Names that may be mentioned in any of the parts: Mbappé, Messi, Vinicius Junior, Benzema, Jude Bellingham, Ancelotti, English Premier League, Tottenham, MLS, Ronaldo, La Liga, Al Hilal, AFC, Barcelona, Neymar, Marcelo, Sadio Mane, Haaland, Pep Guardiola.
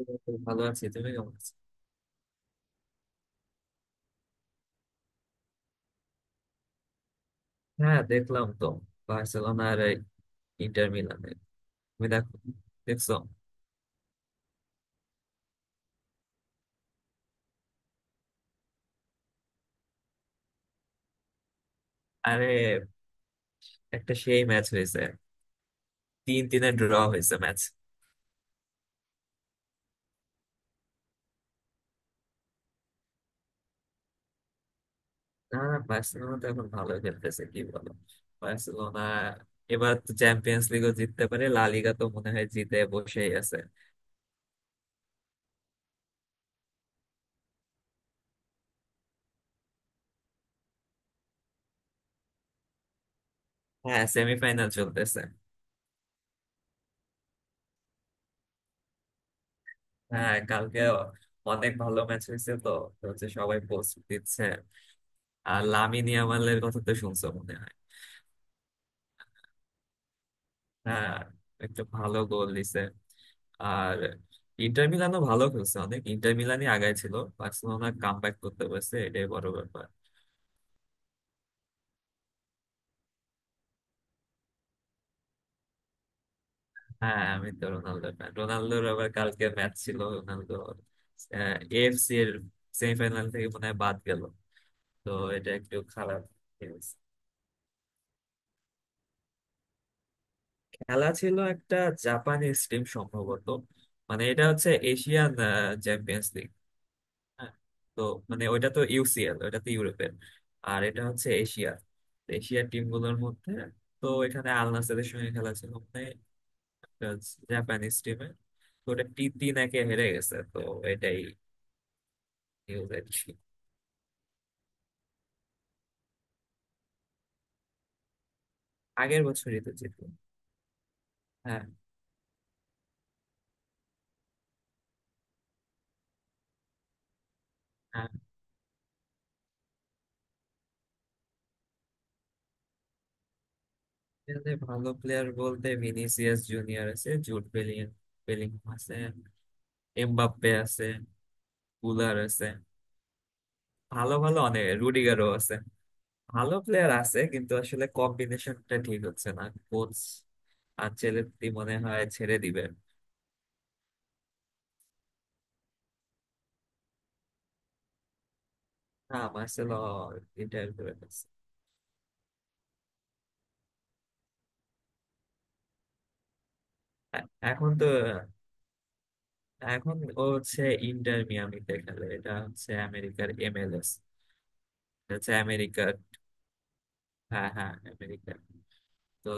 এই তো ভালো আছি। তুমি কেমন আছো? হ্যাঁ, দেখলাম তো। বার্সেলোনা আর ইন্টার মিলানের। তুমি দেখো, দেখছো? আরে, একটা সেই ম্যাচ হয়েছে। 3-3-এ ড্র হয়েছে ম্যাচ। না না, বার্সেলোনা তো এখন ভালো খেলতেছে, কি বলো? বার্সেলোনা এবার তো চ্যাম্পিয়ন্স লিগও জিততে পারে, লা লিগা তো মনে হয় জিতে বসেই আছে। হ্যাঁ, সেমিফাইনাল চলতেছে। হ্যাঁ, কালকে অনেক ভালো ম্যাচ হয়েছে তো। তো হচ্ছে সবাই পোস্ট দিচ্ছে। আর লামিন ইয়ামালের কথা তো শুনছো মনে হয়। হ্যাঁ, একটা ভালো গোল দিছে। আর ইন্টার মিলানও ভালো খেলছে অনেক। ইন্টার মিলানই আগায় ছিল, বার্সেলোনা কাম ব্যাক করতে পারছে, এটাই বড় ব্যাপার। হ্যাঁ, আমি তো রোনালদো ফ্যান। রোনালদোর আবার কালকে ম্যাচ ছিল। রোনালদো এএফসি এর সেমিফাইনাল থেকে মনে হয় বাদ গেল। তো এটা একটু খারাপ news। খেলা ছিল একটা জাপানিজ টিম সম্ভবত। মানে এটা হচ্ছে এশিয়ান চ্যাম্পিয়ন্স। হ্যাঁ। তো মানে ওইটা তো ইউসিএল, ওইটা তো ইউরোপের। আর এটা হচ্ছে এশিয়ার। তো এশিয়ার টিম গুলোর মধ্যে, তো এখানে আল নাসেরের সঙ্গে খেলা ছিল, মানে জাপানিজ টিমে। তো ওটা 3-1-এ হেরে গেছে তো। এটাই নিউজ আর কি। আগের বছরই তো জিতলো। হ্যাঁ। আর এখানে ভালো প্লেয়ার বলতে ভিনিসিয়াস জুনিয়র আছে, জুড বেলিং, বেলিংহাম আছে, এমবাপ্পে আছে, কুলার আছে, ভালো ভালো অনেক, রুডিগারও আছে। ভালো প্লেয়ার আছে কিন্তু আসলে কম্বিনেশনটা ঠিক হচ্ছে না। কোচ আনচেলত্তি মনে হয় ছেড়ে দিবেন। না, মার্সেলো ইন্টার করে ফেলছে। এ- এখন তো, এখন ও হচ্ছে ইন্টার মিয়ামিতে খেলে, এটা হচ্ছে আমেরিকার এমএলএস। এটা হচ্ছে আমেরিকার। হ্যাঁ হ্যাঁ, আমেরিকার। তো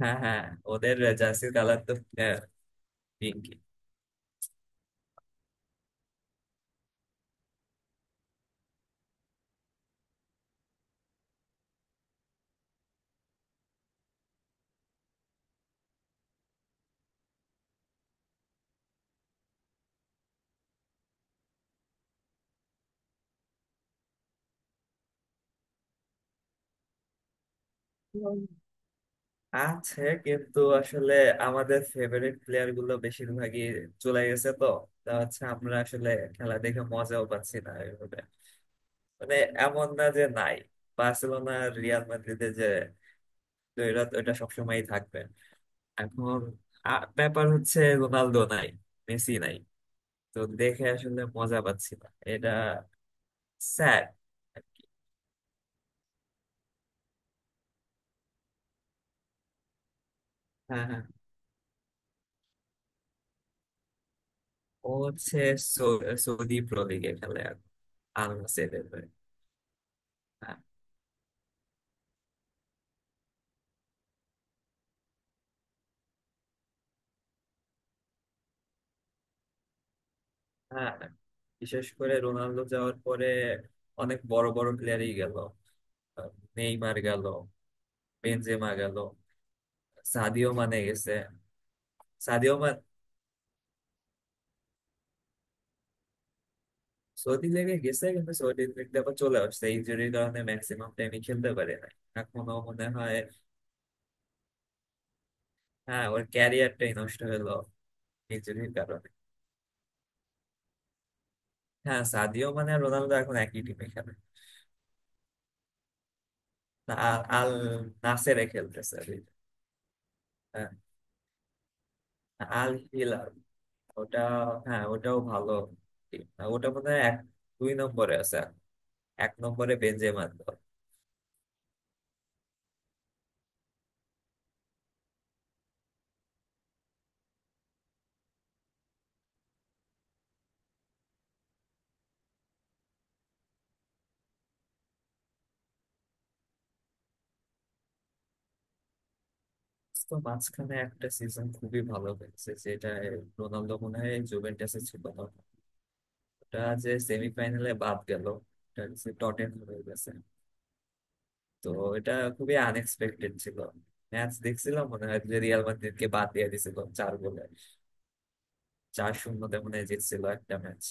হ্যাঁ হ্যাঁ, ওদের জার্সির কালার তো আহ, পিঙ্কি। আছে কিন্তু আসলে আমাদের ফেভারিট প্লেয়ার গুলো বেশিরভাগই চলে গেছে তো। তা হচ্ছে আমরা আসলে খেলা দেখে মজাও পাচ্ছি না ওইভাবে। মানে এমন না যে নাই। বার্সেলোনা আর রিয়াল মাদ্রিদে যে দ্বৈরথ, ওইটা সবসময়ই থাকবে। এখন ব্যাপার হচ্ছে রোনালদো নাই, মেসি নাই। তো দেখে আসলে মজা পাচ্ছি না। এটা স্যাড। হ্যাঁ হ্যাঁ। ও হচ্ছে সৌদি প্রো লিগে খেলে, আর আল নাসেরের হয়ে। হ্যাঁ হ্যাঁ। বিশেষ করে রোনালদো যাওয়ার পরে অনেক বড় বড় প্লেয়ারই গেল। আহ, নেইমার গেল, বেনজেমা গেল, সাদিও মানে গেছে, সাদিও মান সৌদি লেগে গেছে, কিন্তু সৌদি লিগে আবার চলে আসছে, ইনজুরির কারণে ম্যাক্সিমাম টাইমই খেলতে পারে না এখনো মনে হয়। হ্যাঁ, ওর ক্যারিয়ারটাই নষ্ট হলো ইনজুরির কারণে। হ্যাঁ, সাদিও মানে আর রোনালদো এখন একই টিমে খেলে। না, আল আল নাসেরে খেলতেছে। হ্যাঁ, আল হিলাল। ওটা, হ্যাঁ ওটাও ভালো team না। ওটা মনে হয় এক দুই নম্বরে আছে, এক নম্বরে বেনজেমার। তো মাঝখানে একটা সিজন খুবই ভালো হয়েছে যেটা, রোনালদো মনে হয় জুভেন্টাসে ছিল না ওটা, যে সেমিফাইনালে বাদ গেল। ওটা হচ্ছে টটেনহাম হয়ে গেছে। তো এটা খুবই আনএক্সপেক্টেড ছিল। ম্যাচ দেখছিলাম মনে হয় যে রিয়াল মাদ্রিদকে বাদ দিয়ে দিয়েছিল 4 গোলে। 4-0-তে মনে হয় জিতছিল একটা ম্যাচ।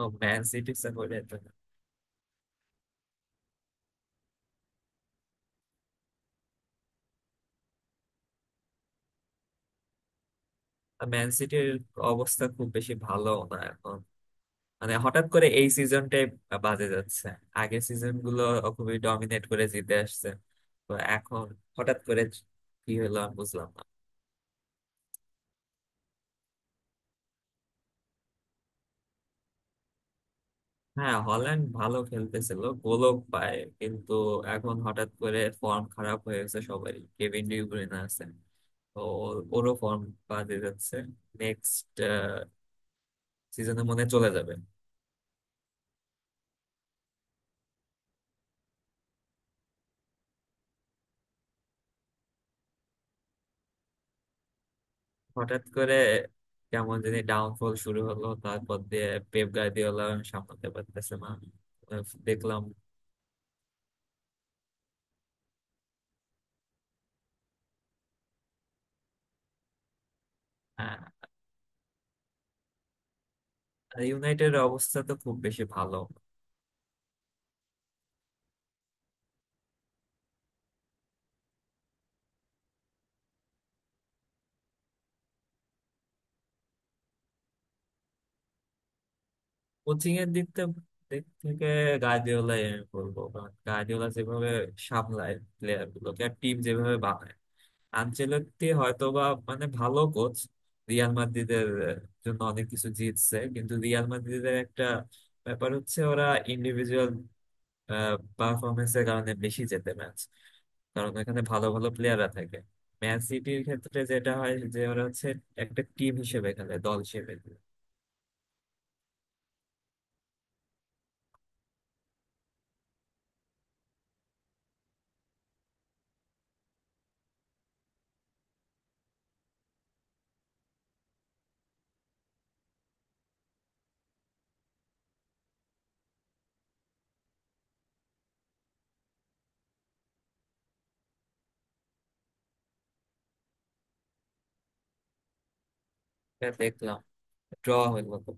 ও, ম্যান সিটির সাপোর্টার তো। ম্যান সিটির অবস্থা খুব বেশি ভালো না এখন। মানে হঠাৎ করে এই সিজনটাই বাজে যাচ্ছে, আগের সিজন গুলো খুবই ডমিনেট করে জিতে আসছে। তো এখন হঠাৎ করে কি হলো আমি বুঝলাম না। হ্যাঁ, হল্যান্ড ভালো খেলতেছিল, গোলও পায়, কিন্তু এখন হঠাৎ করে ফর্ম খারাপ হয়ে গেছে সবারই। কেভিন ডি ব্রুইনে আছে, তো ওরও ফর্ম বাজে যাচ্ছে। নেক্সট সিজনে মনে হয় চলে যাবে। হঠাৎ করে কেমন জানি ডাউনফল শুরু হলো, তারপর দিয়ে পেপ গার্দিওলা সামলাতে পারতেছে না। দেখলাম। আহ, ইউনাইটেড এর অবস্থা তো খুব বেশি ভালো। কোচিং এর দিক থেকে, দিক থেকে গার্দিওলাই আমি বলবো, কারণ গার্দিওলা যেভাবে সামলায় প্লেয়ার গুলোকে আর টিম যেভাবে বানায়। আনচেলত্তি হয়তো বা, মানে ভালো কোচ, রিয়াল মাদ্রিদের জন্য অনেক কিছু জিতছে, কিন্তু রিয়াল মাদ্রিদের একটা ব্যাপার হচ্ছে ওরা ইন্ডিভিজুয়াল পারফরমেন্সের কারণে বেশি জেতে ম্যাচ, কারণ এখানে ভালো ভালো প্লেয়াররা থাকে। ম্যান সিটির ক্ষেত্রে যেটা হয় যে ওরা হচ্ছে একটা টিম হিসেবে খেলে, দল হিসেবে। এটা দেখলাম, ড্র হইলো তো।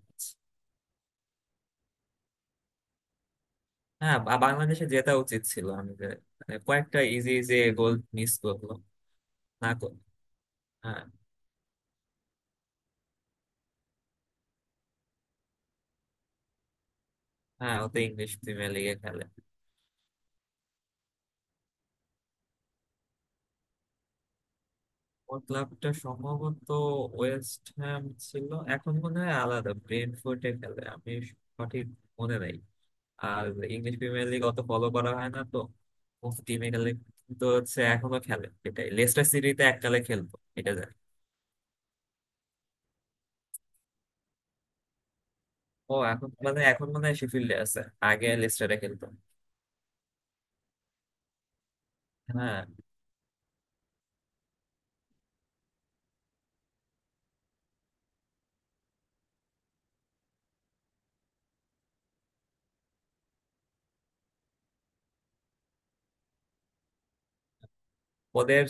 হ্যাঁ, বাংলাদেশে জেতা উচিত ছিল আমি। যে মানে কয়েকটা ইজি ইজি গোল মিস করলো, না করলো। হ্যাঁ হ্যাঁ, ওতে ইংলিশ প্রিমিয়ার লিগে খেলে। ওর ক্লাবটা সম্ভবত ওয়েস্ট হ্যাম ছিল। এখন মনে হয় আলাদা ব্রেন্টফোর্ডে খেলে, আমি সঠিক মনে নাই। আর ইংলিশ প্রিমিয়ার লিগ অত ফলো করা হয় না তো। টিমে খেলে, তো হচ্ছে এখনো খেলে এটাই, লেস্টার সিটিতে এককালে খেলতো এটা জানি। ও, এখন মানে এখন মনে হয় শেফিল্ডে আছে, আগে লেস্টারে খেলতো। হ্যাঁ, ওদের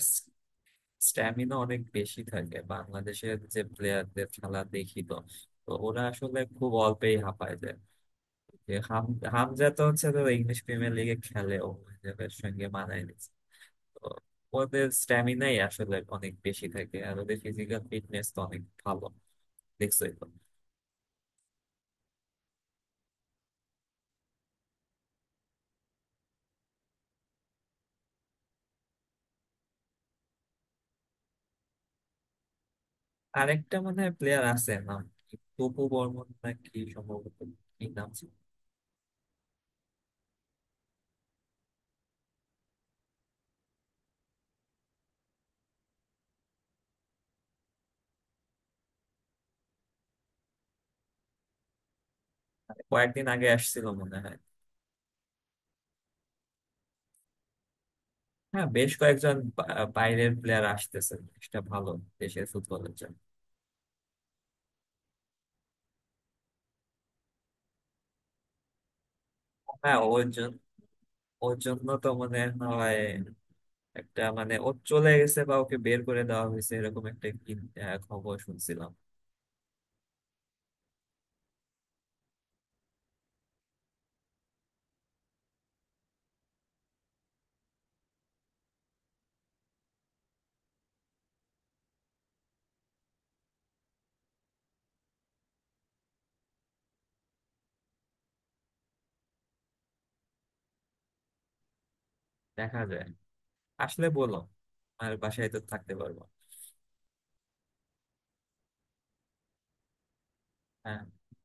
স্ট্যামিনা অনেক বেশি থাকে। বাংলাদেশের যে প্লেয়ারদের খেলা দেখি তো, তো ওরা আসলে খুব অল্পেই হাঁপায় যায়। যে হাম হামজা তো হচ্ছে তো ইংলিশ প্রিমিয়ার লিগে খেলে, ও হিসেবের সঙ্গে মানায় নিচ্ছে। তো ওদের স্ট্যামিনাই আসলে অনেক বেশি থাকে, আর ওদের ফিজিক্যাল ফিটনেস তো অনেক ভালো, দেখছোই তো। আরেকটা মনে হয় প্লেয়ার আছে, নাম কি? তপু বর্মন নাকি সম্ভবত। কি নাম ছিল? কয়েকদিন আগে আসছিল মনে হয়। হ্যাঁ, বেশ কয়েকজন বাইরের প্লেয়ার আসতেছে। এটা ভালো দেশের ফুটবলের জন্য। হ্যাঁ, ওর জন্য। ওর জন্য তো মনে হয় একটা মানে, ও চলে গেছে বা ওকে বের করে দেওয়া হয়েছে এরকম একটা কি খবর শুনছিলাম। দেখা যায় আসলে বলো। আর বাসায় তো থাকতে পারবো। হ্যাঁ।